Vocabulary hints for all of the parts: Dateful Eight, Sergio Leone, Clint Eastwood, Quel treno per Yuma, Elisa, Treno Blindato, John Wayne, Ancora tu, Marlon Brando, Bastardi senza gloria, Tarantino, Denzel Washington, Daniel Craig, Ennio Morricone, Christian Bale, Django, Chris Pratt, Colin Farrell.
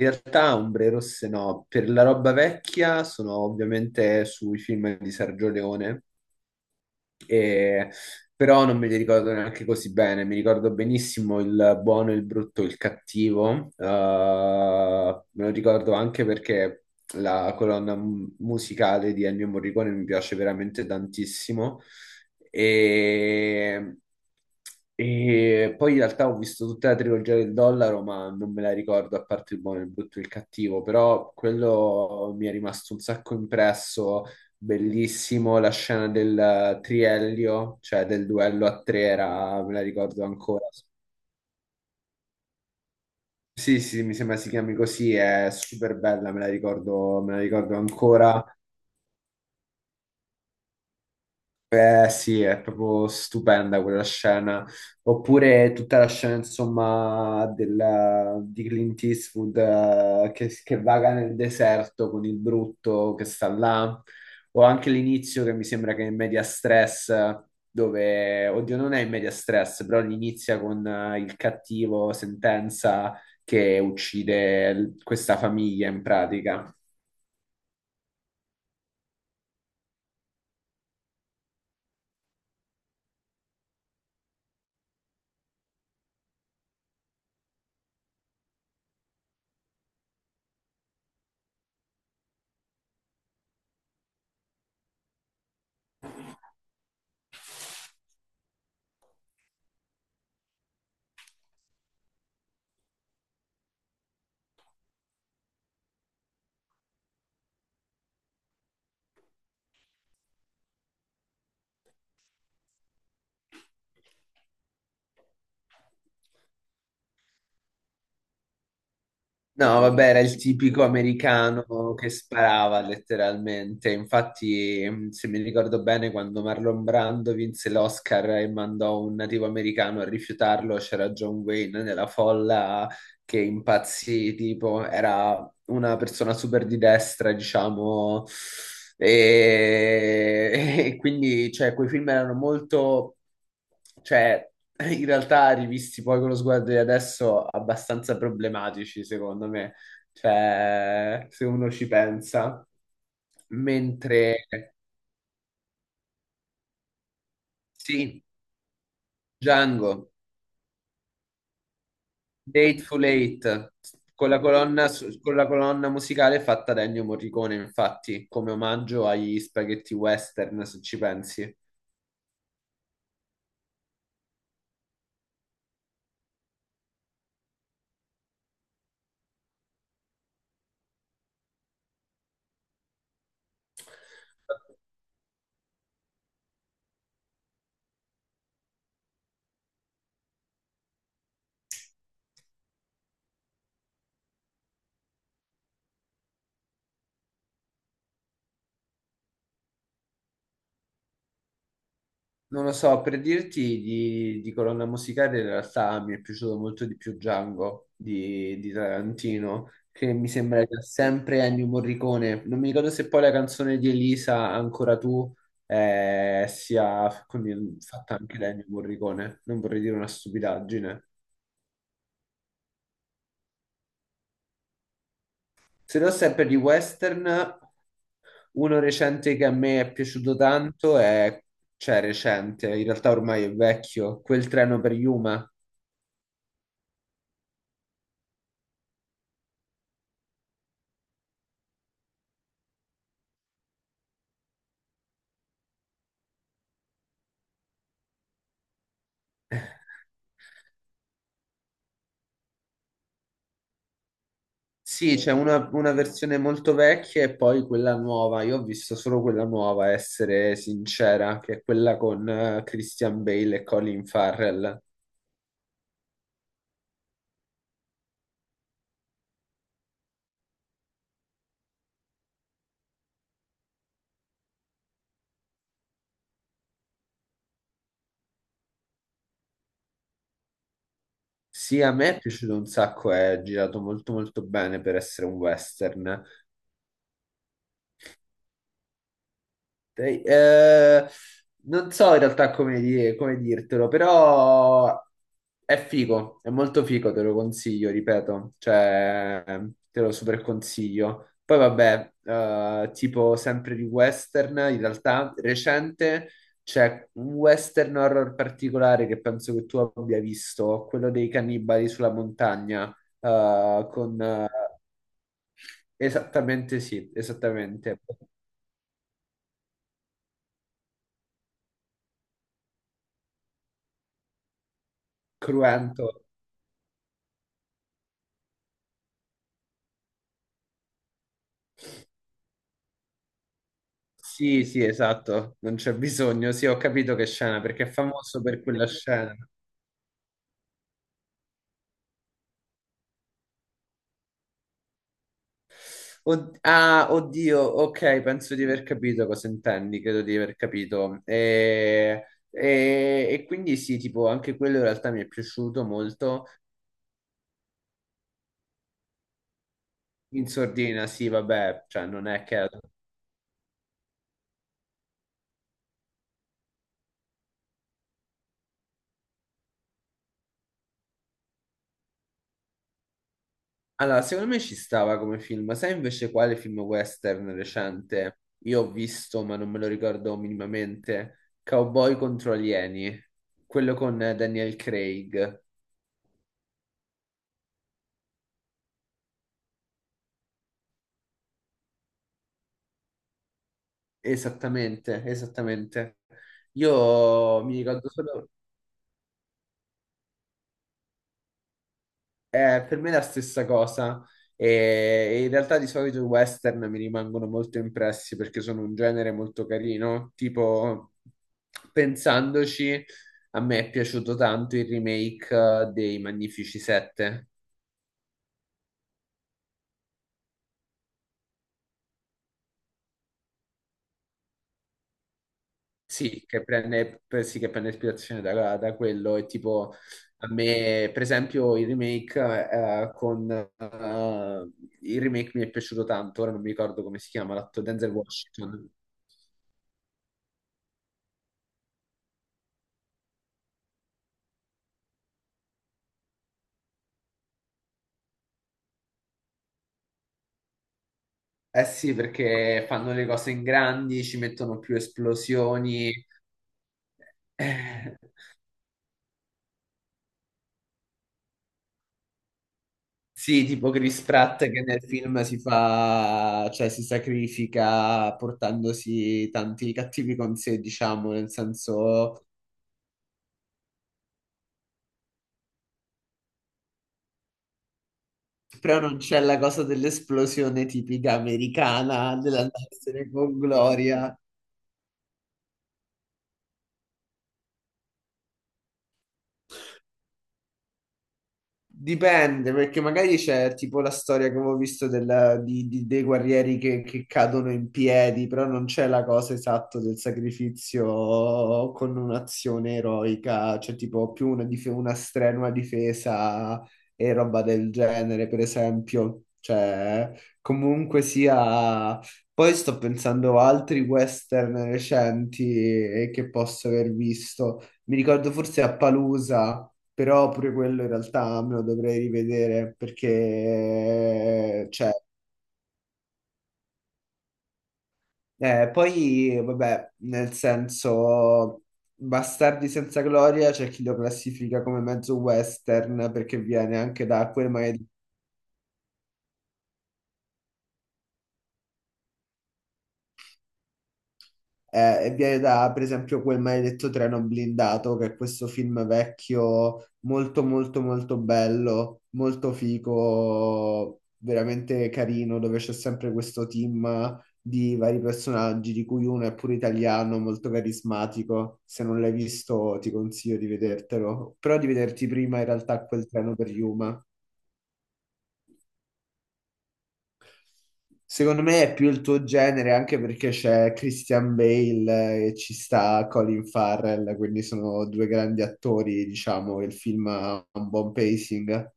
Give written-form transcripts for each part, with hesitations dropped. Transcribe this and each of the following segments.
In realtà ombre rosse no, per la roba vecchia sono ovviamente sui film di Sergio Leone, e- però non me li ricordo neanche così bene. Mi ricordo benissimo il buono, il brutto, il cattivo. Me lo ricordo anche perché la colonna musicale di Ennio Morricone mi piace veramente tantissimo. E, e poi in realtà ho visto tutta la trilogia del dollaro, ma non me la ricordo a parte il buono, il brutto e il cattivo. Però quello mi è rimasto un sacco impresso. Bellissimo la scena del triello, cioè del duello a tre, era, me la ricordo ancora. Sì, sì, mi sembra si chiami così, è super bella, me la ricordo ancora. Eh sì, è proprio stupenda quella scena. Oppure tutta la scena, insomma, di Clint Eastwood che vaga nel deserto con il brutto che sta là. O anche l'inizio che mi sembra che è in media stress, dove, oddio, non è in media stress, però inizia con il cattivo Sentenza che uccide questa famiglia in pratica. No, vabbè, era il tipico americano che sparava letteralmente. Infatti, se mi ricordo bene, quando Marlon Brando vinse l'Oscar e mandò un nativo americano a rifiutarlo, c'era John Wayne nella folla che impazzì, tipo, era una persona super di destra, diciamo, e, e quindi, cioè, quei film erano molto, cioè, in realtà rivisti poi con lo sguardo di adesso, abbastanza problematici, secondo me, cioè, se uno ci pensa. Mentre, sì, Django. Dateful Eight, con la con la colonna musicale fatta da Ennio Morricone, infatti, come omaggio agli spaghetti western, se ci pensi. Non lo so, per dirti di colonna musicale, in realtà mi è piaciuto molto di più Django di Tarantino, che mi sembra che ha sempre Ennio Morricone. Non mi ricordo se poi la canzone di Elisa, Ancora tu, sia quindi fatta anche da Ennio Morricone. Non vorrei dire una stupidaggine. Se no, sempre di western, uno recente che a me è piaciuto tanto è, cioè recente, in realtà ormai è vecchio, Quel treno per Yuma. Sì, c'è una versione molto vecchia e poi quella nuova. Io ho visto solo quella nuova, essere sincera, che è quella con Christian Bale e Colin Farrell. Sì, a me è piaciuto un sacco, è girato molto molto bene per essere un western. Dai, non so in realtà come, come dirtelo, però è figo, è molto figo, te lo consiglio, ripeto, cioè te lo super consiglio. Poi vabbè, tipo sempre di western, in realtà recente c'è un western horror particolare che penso che tu abbia visto, quello dei cannibali sulla montagna, eh, con... eh, esattamente sì, esattamente, cruento. Sì, sì, esatto, non c'è bisogno. Sì, ho capito che scena, perché è famoso per quella scena. Oddio, ok, penso di aver capito cosa intendi, credo di aver capito. E, e quindi sì, tipo, anche quello in realtà mi è piaciuto molto. In sordina, sì, vabbè, cioè non è che è. Allora, secondo me ci stava come film. Sai invece quale film western recente? Io ho visto, ma non me lo ricordo minimamente. Cowboy contro alieni, quello con Daniel Craig. Esattamente, esattamente. Io mi ricordo solo. Per me è la stessa cosa. E e in realtà di solito i western mi rimangono molto impressi perché sono un genere molto carino. Tipo, pensandoci, a me è piaciuto tanto il remake dei Magnifici Sette. Sì, che prende, sì, che prende ispirazione da quello. E tipo, a me, per esempio, il remake, eh, con, eh, il remake mi è piaciuto tanto. Ora non mi ricordo come si chiama l'attore, Denzel Washington. Eh sì, perché fanno le cose in grandi, ci mettono più esplosioni. Eh, sì, tipo Chris Pratt che nel film si fa, cioè si sacrifica portandosi tanti cattivi con sé, diciamo, nel senso, però non c'è la cosa dell'esplosione tipica americana, dell'andarsene con gloria. Dipende, perché magari c'è tipo la storia che avevo visto dei guerrieri che cadono in piedi, però non c'è la cosa esatta del sacrificio con un'azione eroica, c'è tipo più una, una strenua difesa e roba del genere, per esempio. Cioè, comunque sia... Poi sto pensando a altri western recenti che posso aver visto. Mi ricordo forse a Palusa però pure quello in realtà me lo dovrei rivedere perché, cioè, poi, vabbè, nel senso, Bastardi senza gloria c'è chi lo classifica come mezzo western perché viene anche da quel magari e viene da, per esempio, quel maledetto treno blindato, che è questo film vecchio, molto, molto, molto bello, molto figo, veramente carino, dove c'è sempre questo team di vari personaggi, di cui uno è pure italiano, molto carismatico. Se non l'hai visto, ti consiglio di vedertelo, però di vederti prima in realtà quel treno per Yuma. Secondo me è più il tuo genere anche perché c'è Christian Bale e ci sta Colin Farrell, quindi sono due grandi attori, diciamo, il film ha un buon pacing,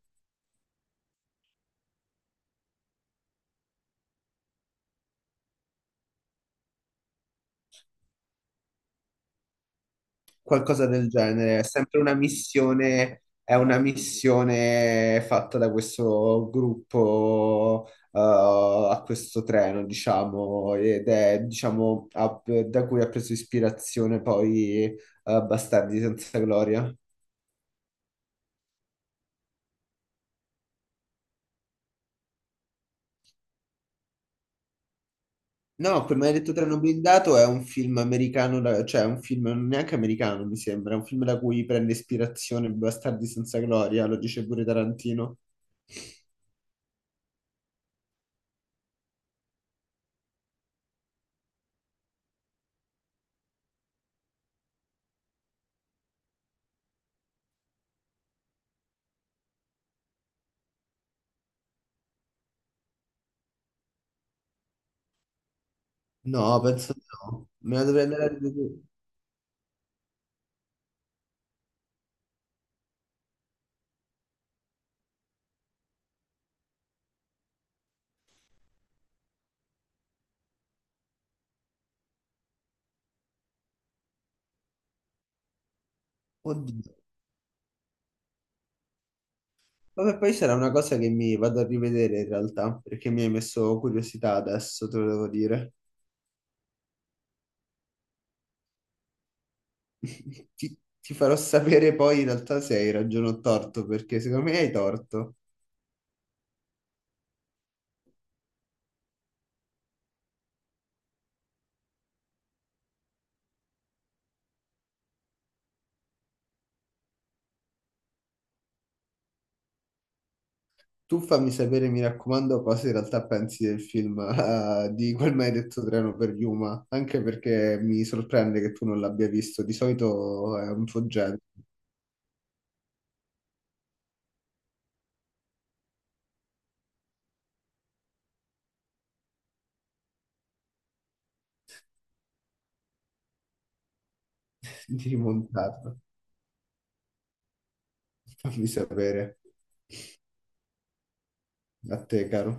qualcosa del genere. È sempre una missione, è una missione fatta da questo gruppo a questo treno, diciamo, ed è, diciamo, da cui ha preso ispirazione poi Bastardi senza gloria. No, come hai detto Treno Blindato è un film americano, cioè è un film non neanche americano, mi sembra, è un film da cui prende ispirazione Bastardi senza gloria, lo dice pure Tarantino. No, penso di no. Me la dovrei andare a rivedere. Oddio. Vabbè, poi sarà una cosa che mi vado a rivedere in realtà, perché mi hai messo curiosità adesso, te lo devo dire. Ti farò sapere poi in realtà se hai ragione o torto, perché secondo me hai torto. Tu fammi sapere, mi raccomando, cosa in realtà pensi del film, di quel maledetto treno per Yuma, anche perché mi sorprende che tu non l'abbia visto. Di solito è un tuo genere. Di rimontarlo. Fammi sapere. A te, caro.